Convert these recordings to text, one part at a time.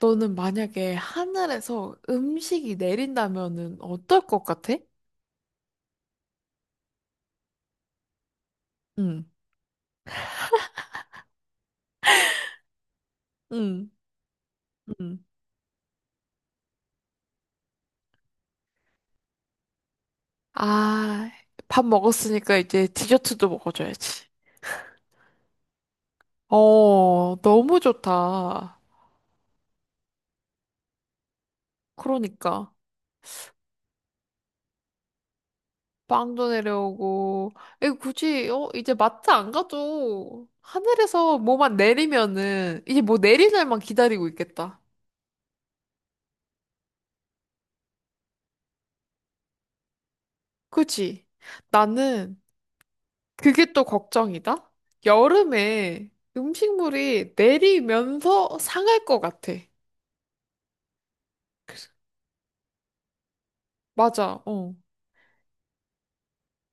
너는 만약에 하늘에서 음식이 내린다면은 어떨 것 같아? 응, 응, 응. 아, 밥 먹었으니까 이제 디저트도 먹어줘야지. 너무 좋다. 그러니까. 빵도 내려오고. 에 이제 마트 안 가도 하늘에서 뭐만 내리면은 이제 뭐 내릴 날만 기다리고 있겠다. 그치? 나는 그게 또 걱정이다. 여름에 음식물이 내리면서 상할 것 같아. 맞아,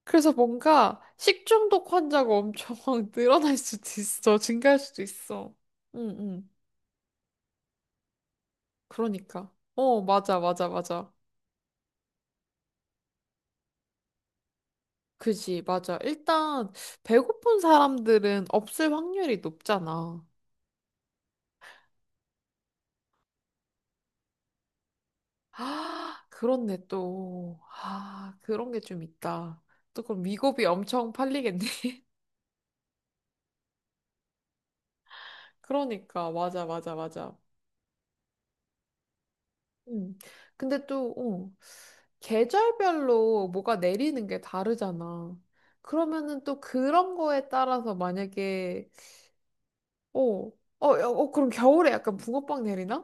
그래서 뭔가 식중독 환자가 엄청 늘어날 수도 있어. 증가할 수도 있어. 응, 응. 그러니까. 맞아, 맞아. 그지, 맞아. 일단, 배고픈 사람들은 없을 확률이 높잖아. 아, 그렇네, 또. 아, 그런 게 좀 있다. 또 그럼 위고비 엄청 팔리겠네. 그러니까 맞아. 음. 근데 또, 계절별로 뭐가 내리는 게 다르잖아. 그러면은 또 그런 거에 따라서 만약에, 어, 어, 야, 어, 그럼 겨울에 약간 붕어빵 내리나?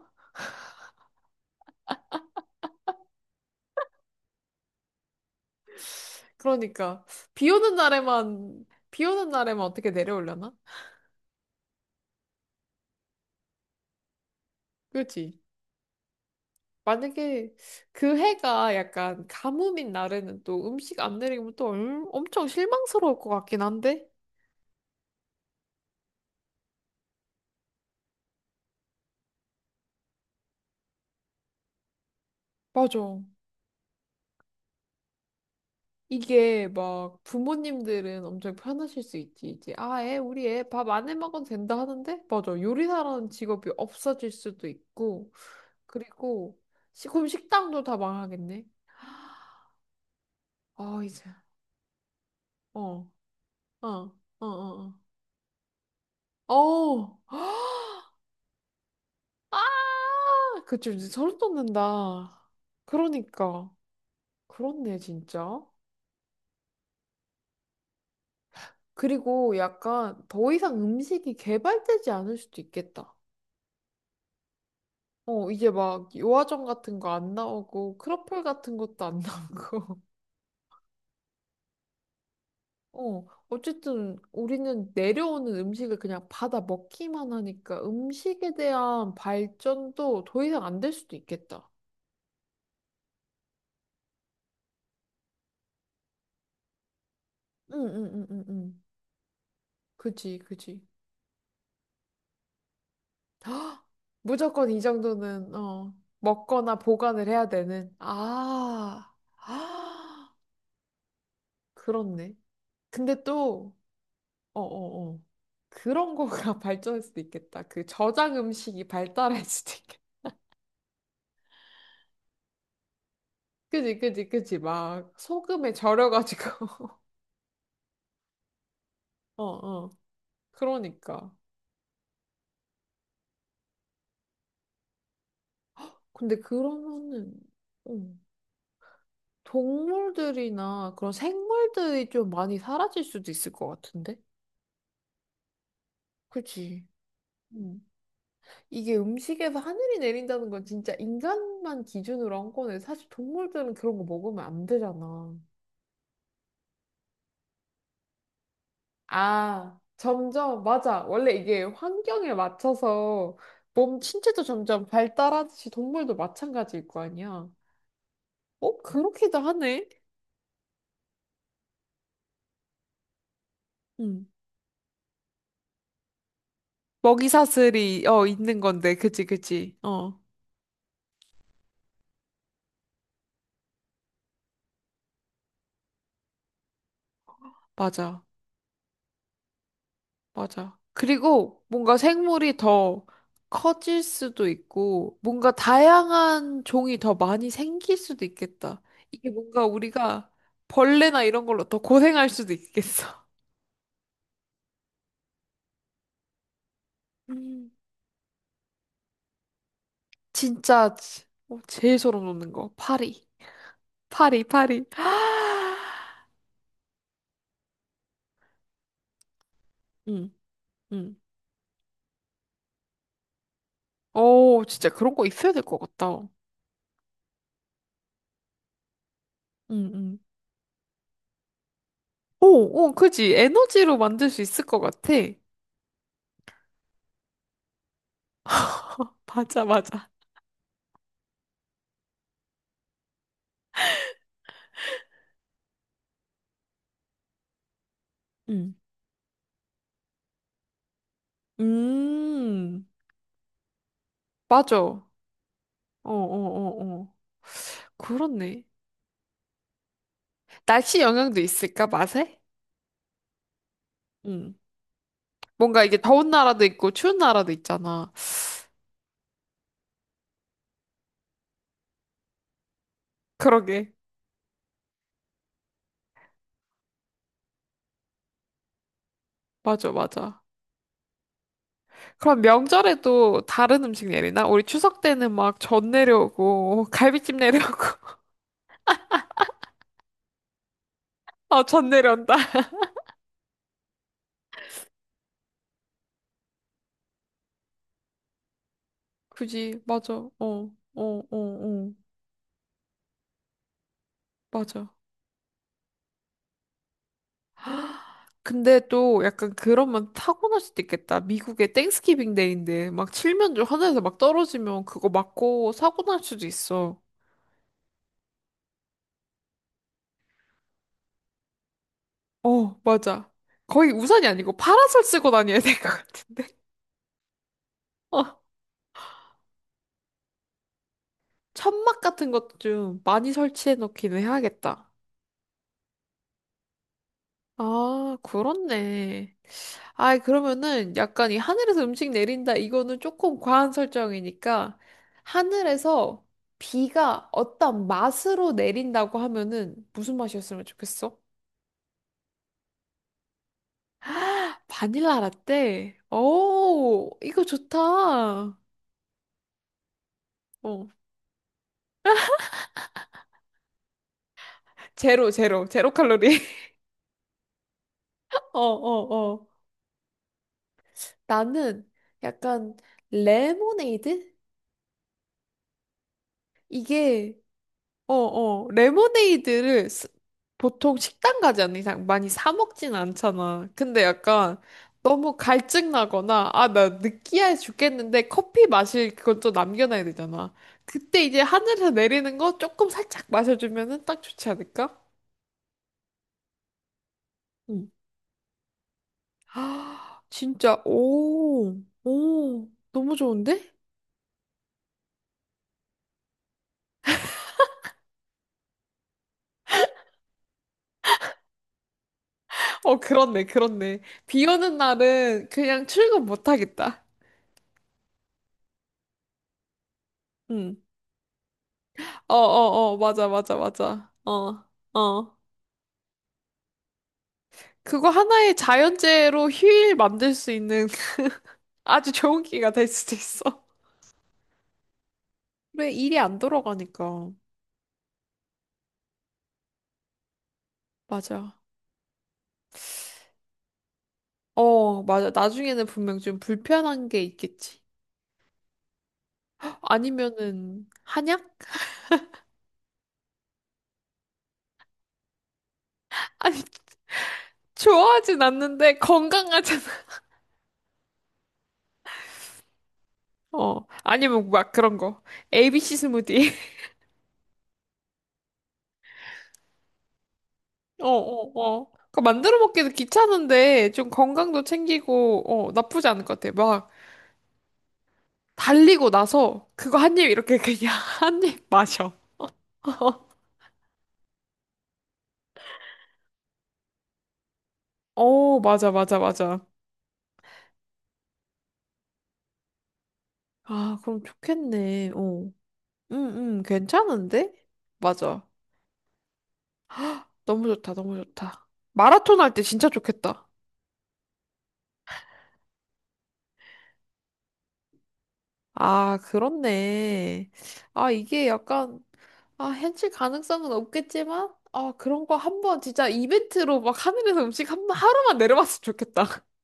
그러니까 비 오는 날에만 어떻게 내려오려나? 그렇지. 만약에 그 해가 약간 가뭄인 날에는 또 음식 안 내리면 엄청 실망스러울 것 같긴 한데. 맞아. 이게 막 부모님들은 엄청 편하실 수 있지. 우리 애 밥 안 해 먹어도 된다 하는데? 맞아. 요리사라는 직업이 없어질 수도 있고. 그리고 그럼 식당도 다 망하겠네. 아, 이제. 어, 어, 어, 어. 어. 어. 아! 그쵸. 이제 소름 돋는다. 그러니까. 그렇네, 진짜. 그리고 약간 더 이상 음식이 개발되지 않을 수도 있겠다. 이제 막 요아정 같은 거 안 나오고 크로플 같은 것도 안 나오고. 어쨌든 우리는 내려오는 음식을 그냥 받아 먹기만 하니까 음식에 대한 발전도 더 이상 안 될 수도 있겠다. 응, 응, 응, 응, 응. 그지, 그지. 무조건 이 정도는 먹거나 보관을 해야 되는. 그렇네. 근데 또 어어어. 그런 거가 발전할 수도 있겠다. 그 저장 음식이 발달할 수도 있겠다. 그지. 막 소금에 절여가지고. 어, 어. 그러니까. 근데 그러면은, 음, 동물들이나 그런 생물들이 좀 많이 사라질 수도 있을 것 같은데? 그지. 음. 이게 음식에서 하늘이 내린다는 건 진짜 인간만 기준으로 한 거네. 사실 동물들은 그런 거 먹으면 안 되잖아. 점점, 맞아. 원래 이게 환경에 맞춰서 몸 신체도 점점 발달하듯이 동물도 마찬가지일 거 아니야. 어, 그렇기도 하네. 응. 먹이 사슬이, 있는 건데. 그치, 그치. 어, 맞아. 맞아. 그리고 뭔가 생물이 더 커질 수도 있고, 뭔가 다양한 종이 더 많이 생길 수도 있겠다. 이게 뭔가 우리가 벌레나 이런 걸로 더 고생할 수도 있겠어. 음. 진짜 제일 소름 돋는 거. 파리. 파리. 응, 응. 오, 진짜 그런 거 있어야 될 것 같다. 응, 응. 그지. 에너지로 만들 수 있을 것 같아. 맞아, 맞아. 응. 음, 맞아. 어, 어, 어. 그렇네. 날씨 영향도 있을까, 맛에? 응. 뭔가 이게 더운 나라도 있고 추운 나라도 있잖아. 그러게. 맞아, 맞아. 그럼 명절에도 다른 음식 내리나? 우리 추석 때는 막 전 내려오고, 갈비찜 내려오고, 전 내려온다. 굳이, 맞아. 맞아. 근데 또 약간 그러면 타고날 수도 있겠다. 미국의 땡스기빙 데이인데, 막 칠면조 하늘에서 막 떨어지면 그거 맞고 사고 날 수도 있어. 어, 맞아. 거의 우산이 아니고 파라솔 쓰고 다녀야 될 것 같은데? 어, 천막 같은 것도 좀 많이 설치해 놓기는 해야겠다. 아, 그렇네. 그러면은 약간 이 하늘에서 음식 내린다, 이거는 조금 과한 설정이니까, 하늘에서 비가 어떤 맛으로 내린다고 하면은 무슨 맛이었으면 좋겠어? 바닐라 라떼. 오, 이거 좋다. 제로 칼로리. 어, 어, 어. 나는 약간 레모네이드? 이게 레모네이드를 보통 식당 가지 않는 이상 많이 사 먹진 않잖아. 근데 약간 너무 갈증 나거나, 아, 나 느끼해 죽겠는데 커피 마실 그걸 또 남겨놔야 되잖아. 그때 이제 하늘에서 내리는 거 조금 살짝 마셔주면은 딱 좋지 않을까? 응. 아, 진짜, 오, 너무 좋은데? 어, 그렇네. 비 오는 날은 그냥 출근 못 하겠다. 응. 맞아, 맞아. 어, 어. 그거 하나의 자연재해로 휴일 만들 수 있는 아주 좋은 기회가 될 수도 있어. 그래, 일이 안 돌아가니까. 맞아. 어, 맞아. 나중에는 분명 좀 불편한 게 있겠지. 아니면은, 한약? 아니, 좋아하진 않는데 건강하잖아. 아니면 막 그런 거. ABC 스무디. 어, 어, 어. 그 만들어 먹기도 귀찮은데 좀 건강도 챙기고, 나쁘지 않을 것 같아. 막 달리고 나서 그거 한 입 이렇게 그냥 한 입 마셔. 어, 맞아, 맞아. 아, 그럼 좋겠네. 어. 응, 응, 괜찮은데? 맞아. 너무 좋다. 마라톤 할 때 진짜 좋겠다. 아, 그렇네. 아, 이게 약간, 아, 현실 가능성은 없겠지만, 아, 그런 거 한번 진짜 이벤트로 막 하늘에서 음식 한 번, 하루만 내려봤으면 좋겠다.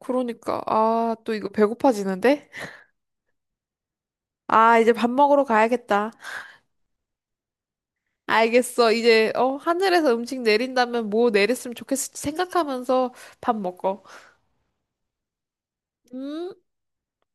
그러니까, 아, 또 이거 배고파지는데? 아, 이제 밥 먹으러 가야겠다. 알겠어. 이제 하늘에서 음식 내린다면 뭐 내렸으면 좋겠을지 생각하면서 밥 먹어. 음.